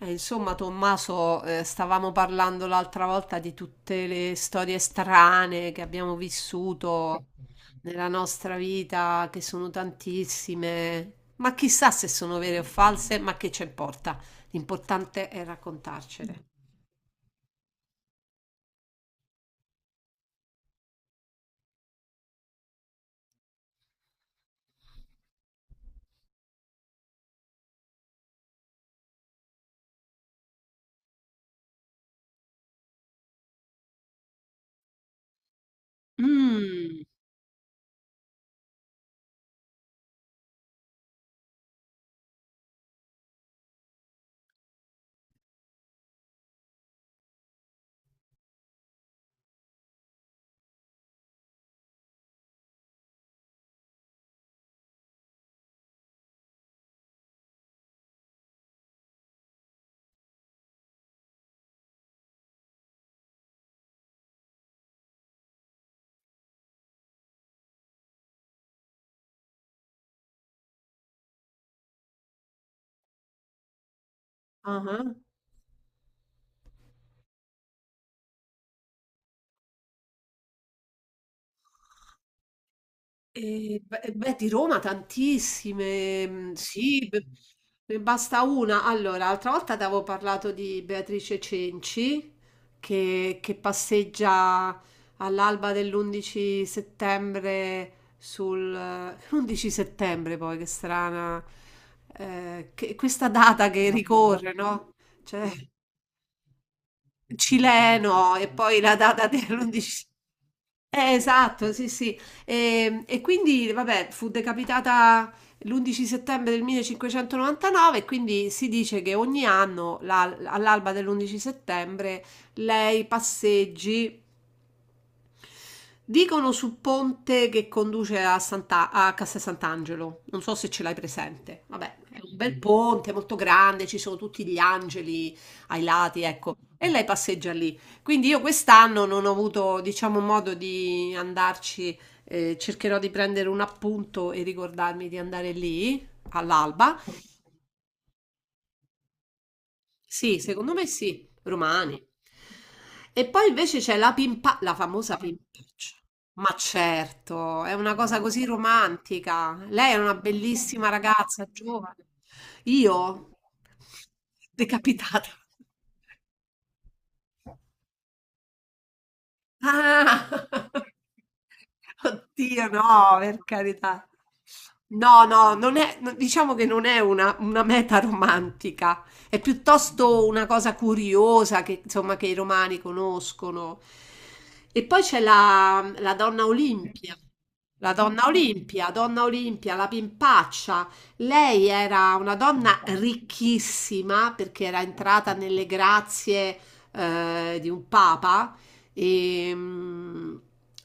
Insomma, Tommaso, stavamo parlando l'altra volta di tutte le storie strane che abbiamo vissuto nella nostra vita, che sono tantissime, ma chissà se sono vere o false, ma che ci importa? L'importante è raccontarcele. Mm. Ah ah. Beh, di Roma tantissime, mhmm, sì, b ne basta una. Allora, l'altra volta t'avevo parlato di Beatrice Cenci, che passeggia all'alba dell'11 settembre sul l'11 settembre poi, che strana, che questa data che ricorre, no, cioè, cileno e poi la data dell'11, esatto, sì, sì. E quindi, vabbè, fu decapitata l'11 settembre del 1599 e quindi si dice che ogni anno, all'alba dell'11 settembre, lei passeggi. Dicono sul ponte che conduce a Castel Sant'Angelo, non so se ce l'hai presente. Vabbè, è un bel ponte molto grande, ci sono tutti gli angeli ai lati, ecco. E lei passeggia lì. Quindi io quest'anno non ho avuto, diciamo, modo di andarci. Cercherò di prendere un appunto e ricordarmi di andare lì all'alba. Sì, secondo me sì, romani. E poi invece c'è la pimpa, la famosa pimpaccia. Ma certo, è una cosa così romantica. Lei è una bellissima ragazza, giovane. Io? Decapitata. Ah! Oddio, no, per carità. No, no, non è, no, diciamo che non è una meta romantica, è piuttosto una cosa curiosa che, insomma, che i romani conoscono. E poi c'è la donna Olimpia, la donna Olimpia, la pimpaccia. Lei era una donna ricchissima perché era entrata nelle grazie di un papa, e, mm,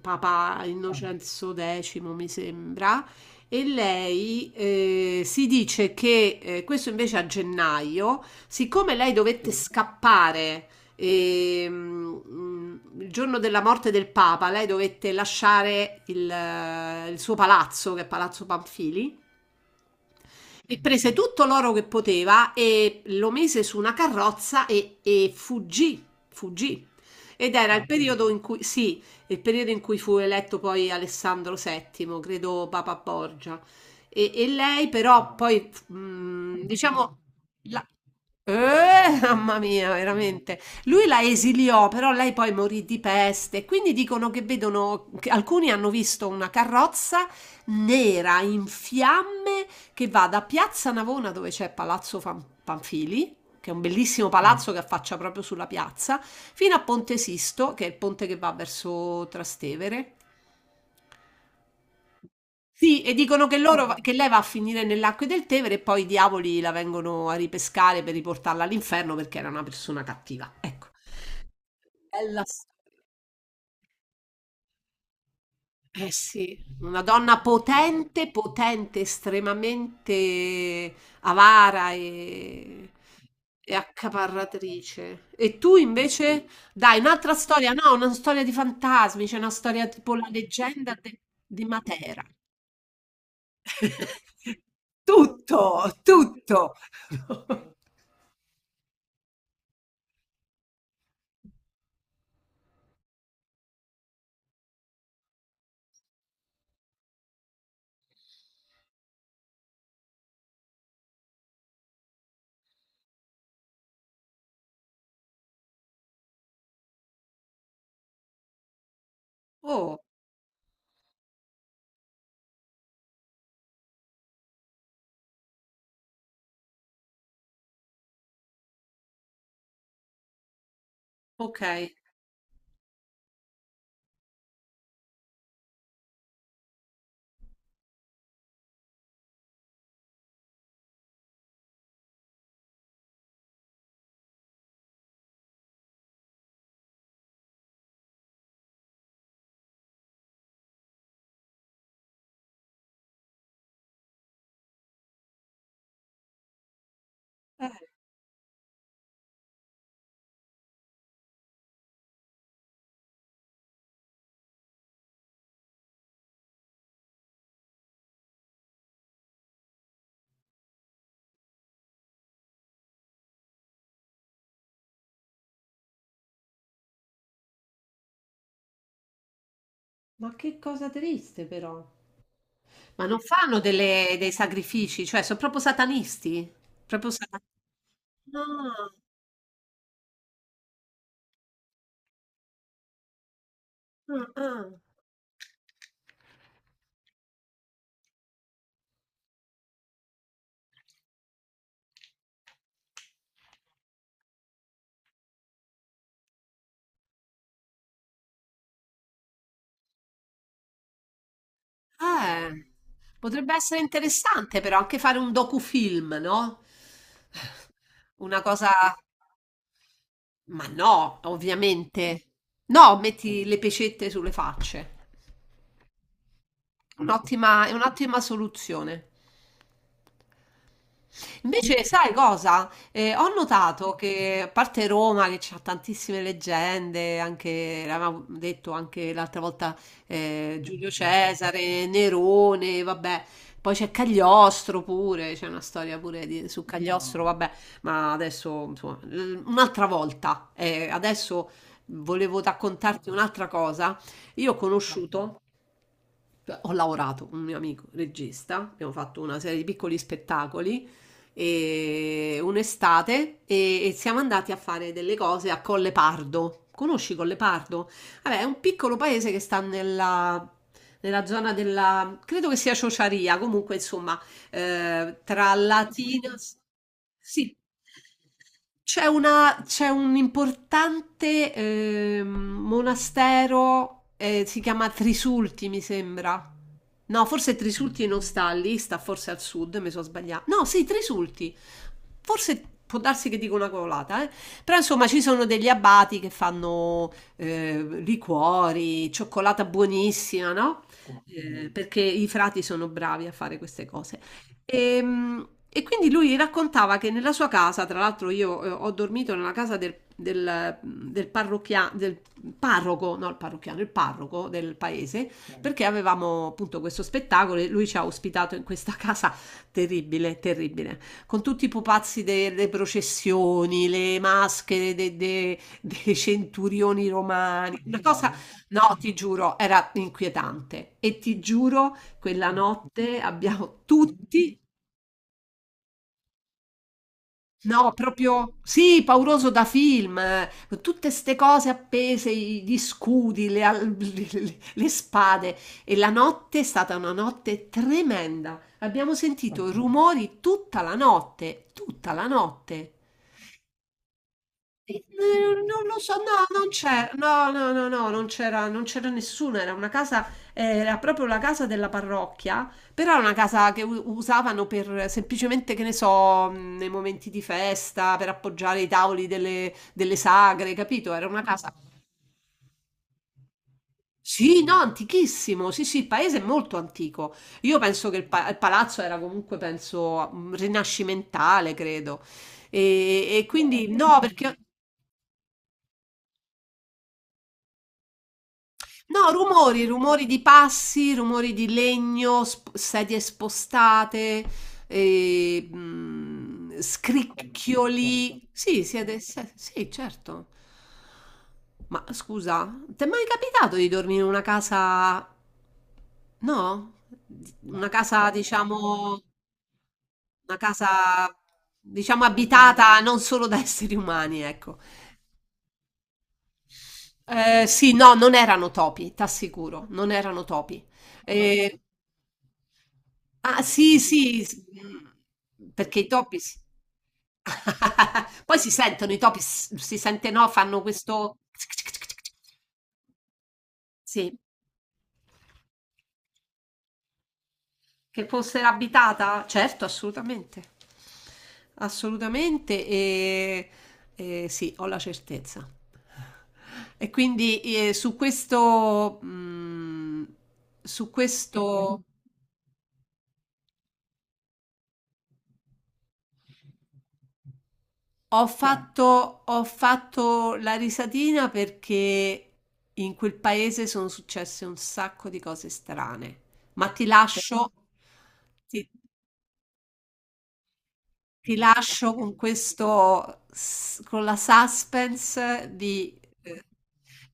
Papa Innocenzo X, mi sembra. E lei, si dice che, questo invece a gennaio, siccome lei dovette scappare, e, mm, il giorno della morte del Papa, lei dovette lasciare il suo palazzo, che è Palazzo Panfili, e prese tutto l'oro che poteva e lo mise su una carrozza, e fuggì, fuggì. Ed era il, ah, sì, periodo in cui, sì, il periodo in cui fu eletto poi Alessandro VII, credo Papa Borgia. E lei però poi, diciamo, la- mamma mia, veramente. Lui la esiliò, però lei poi morì di peste. Quindi dicono che vedono, che alcuni hanno visto una carrozza nera in fiamme che va da Piazza Navona, dove c'è Palazzo Panfili, che è un bellissimo palazzo che affaccia proprio sulla piazza, fino a Ponte Sisto, che è il ponte che va verso Trastevere. Sì, e dicono che, loro, che lei va a finire nell'acqua del Tevere e poi i diavoli la vengono a ripescare per riportarla all'inferno perché era una persona cattiva. Ecco, bella storia. Eh sì, una donna potente, potente, estremamente avara e accaparratrice. E tu invece, dai, un'altra storia, no, una storia di fantasmi, c'è una storia tipo la leggenda di Matera. Tutto, tutto. Oh, okay. Ma che cosa triste però. Ma non fanno delle dei sacrifici, cioè son proprio satanisti? Proprio sata ah, ah, ah. Eh, potrebbe essere interessante però anche fare un docufilm, no, una cosa, ma no, ovviamente. No, metti le pecette sulle facce. Un'ottima è un'ottima soluzione. Invece, sai cosa? Ho notato che, a parte Roma, che ha tantissime leggende, anche, l'avevamo detto anche l'altra volta, Giulio Cesare, Nerone, vabbè. Poi c'è Cagliostro pure, c'è una storia pure su Cagliostro, vabbè, ma adesso, insomma, un'altra volta. Adesso volevo raccontarti un'altra cosa. Io ho conosciuto Ho lavorato con un mio amico regista, abbiamo fatto una serie di piccoli spettacoli e un'estate, e siamo andati a fare delle cose a Colle Pardo. Conosci Colle Pardo? Vabbè, è un piccolo paese che sta nella zona della, credo che sia Ciociaria, comunque insomma, tra latino s sì. C'è un importante, monastero, si chiama Trisulti, mi sembra. No, forse Trisulti non sta lì, sta forse al sud, mi sono sbagliata. No, sì, Trisulti. Forse può darsi che dico una cavolata, eh. Però insomma ci sono degli abati che fanno, liquori, cioccolata buonissima, no, perché i frati sono bravi a fare queste cose. E quindi lui raccontava che nella sua casa, tra l'altro io, ho dormito nella casa del parroco, no il parrocchiano, il parroco del paese, perché avevamo appunto questo spettacolo e lui ci ha ospitato in questa casa terribile, terribile, con tutti i pupazzi delle processioni, le maschere dei centurioni romani, una cosa, no, ti giuro, era inquietante e ti giuro quella notte abbiamo tutti, no, proprio sì, pauroso da film, con tutte ste cose appese, gli scudi, le spade. E la notte è stata una notte tremenda. Abbiamo sentito rumori tutta la notte, tutta la notte. Eh, Non lo so, no, non c'è, no, no, no, no, non c'era, non c'era nessuno, era una casa, era proprio la casa della parrocchia, però era una casa che usavano per semplicemente, che ne so, nei momenti di festa, per appoggiare i tavoli delle, delle sagre, capito? Era una casa, sì, no, antichissimo, sì, sì, il paese è molto antico, io penso che il, il palazzo era comunque, penso, rinascimentale, credo, e quindi no, perché... No, rumori, rumori di passi, rumori di legno, sedie spostate, scricchioli. Sì, siete, se- sì, certo. Ma scusa, ti è mai capitato di dormire in una casa... No? Di- Una casa, diciamo, una casa, diciamo, abitata non solo da esseri umani, ecco. Sì, no, non erano topi, t'assicuro, non erano topi. Eh, ah, sì, sì, s mhmm, perché i topi s poi si sentono i topi, s si sente, no, fanno questo, sì, che fosse l'abitata? Certo, assolutamente. Assolutamente, sì, ho la certezza. E quindi, su questo, su questo... Ho fatto la risatina perché in quel paese sono successe un sacco di cose strane. Ma ti lascio, ti, ti lascio con questo, con la suspense di,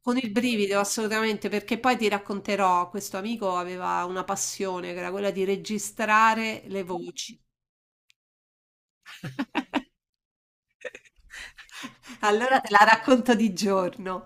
con il brivido assolutamente, perché poi ti racconterò, questo amico aveva una passione che era quella di registrare le voci. Allora te la racconto di giorno.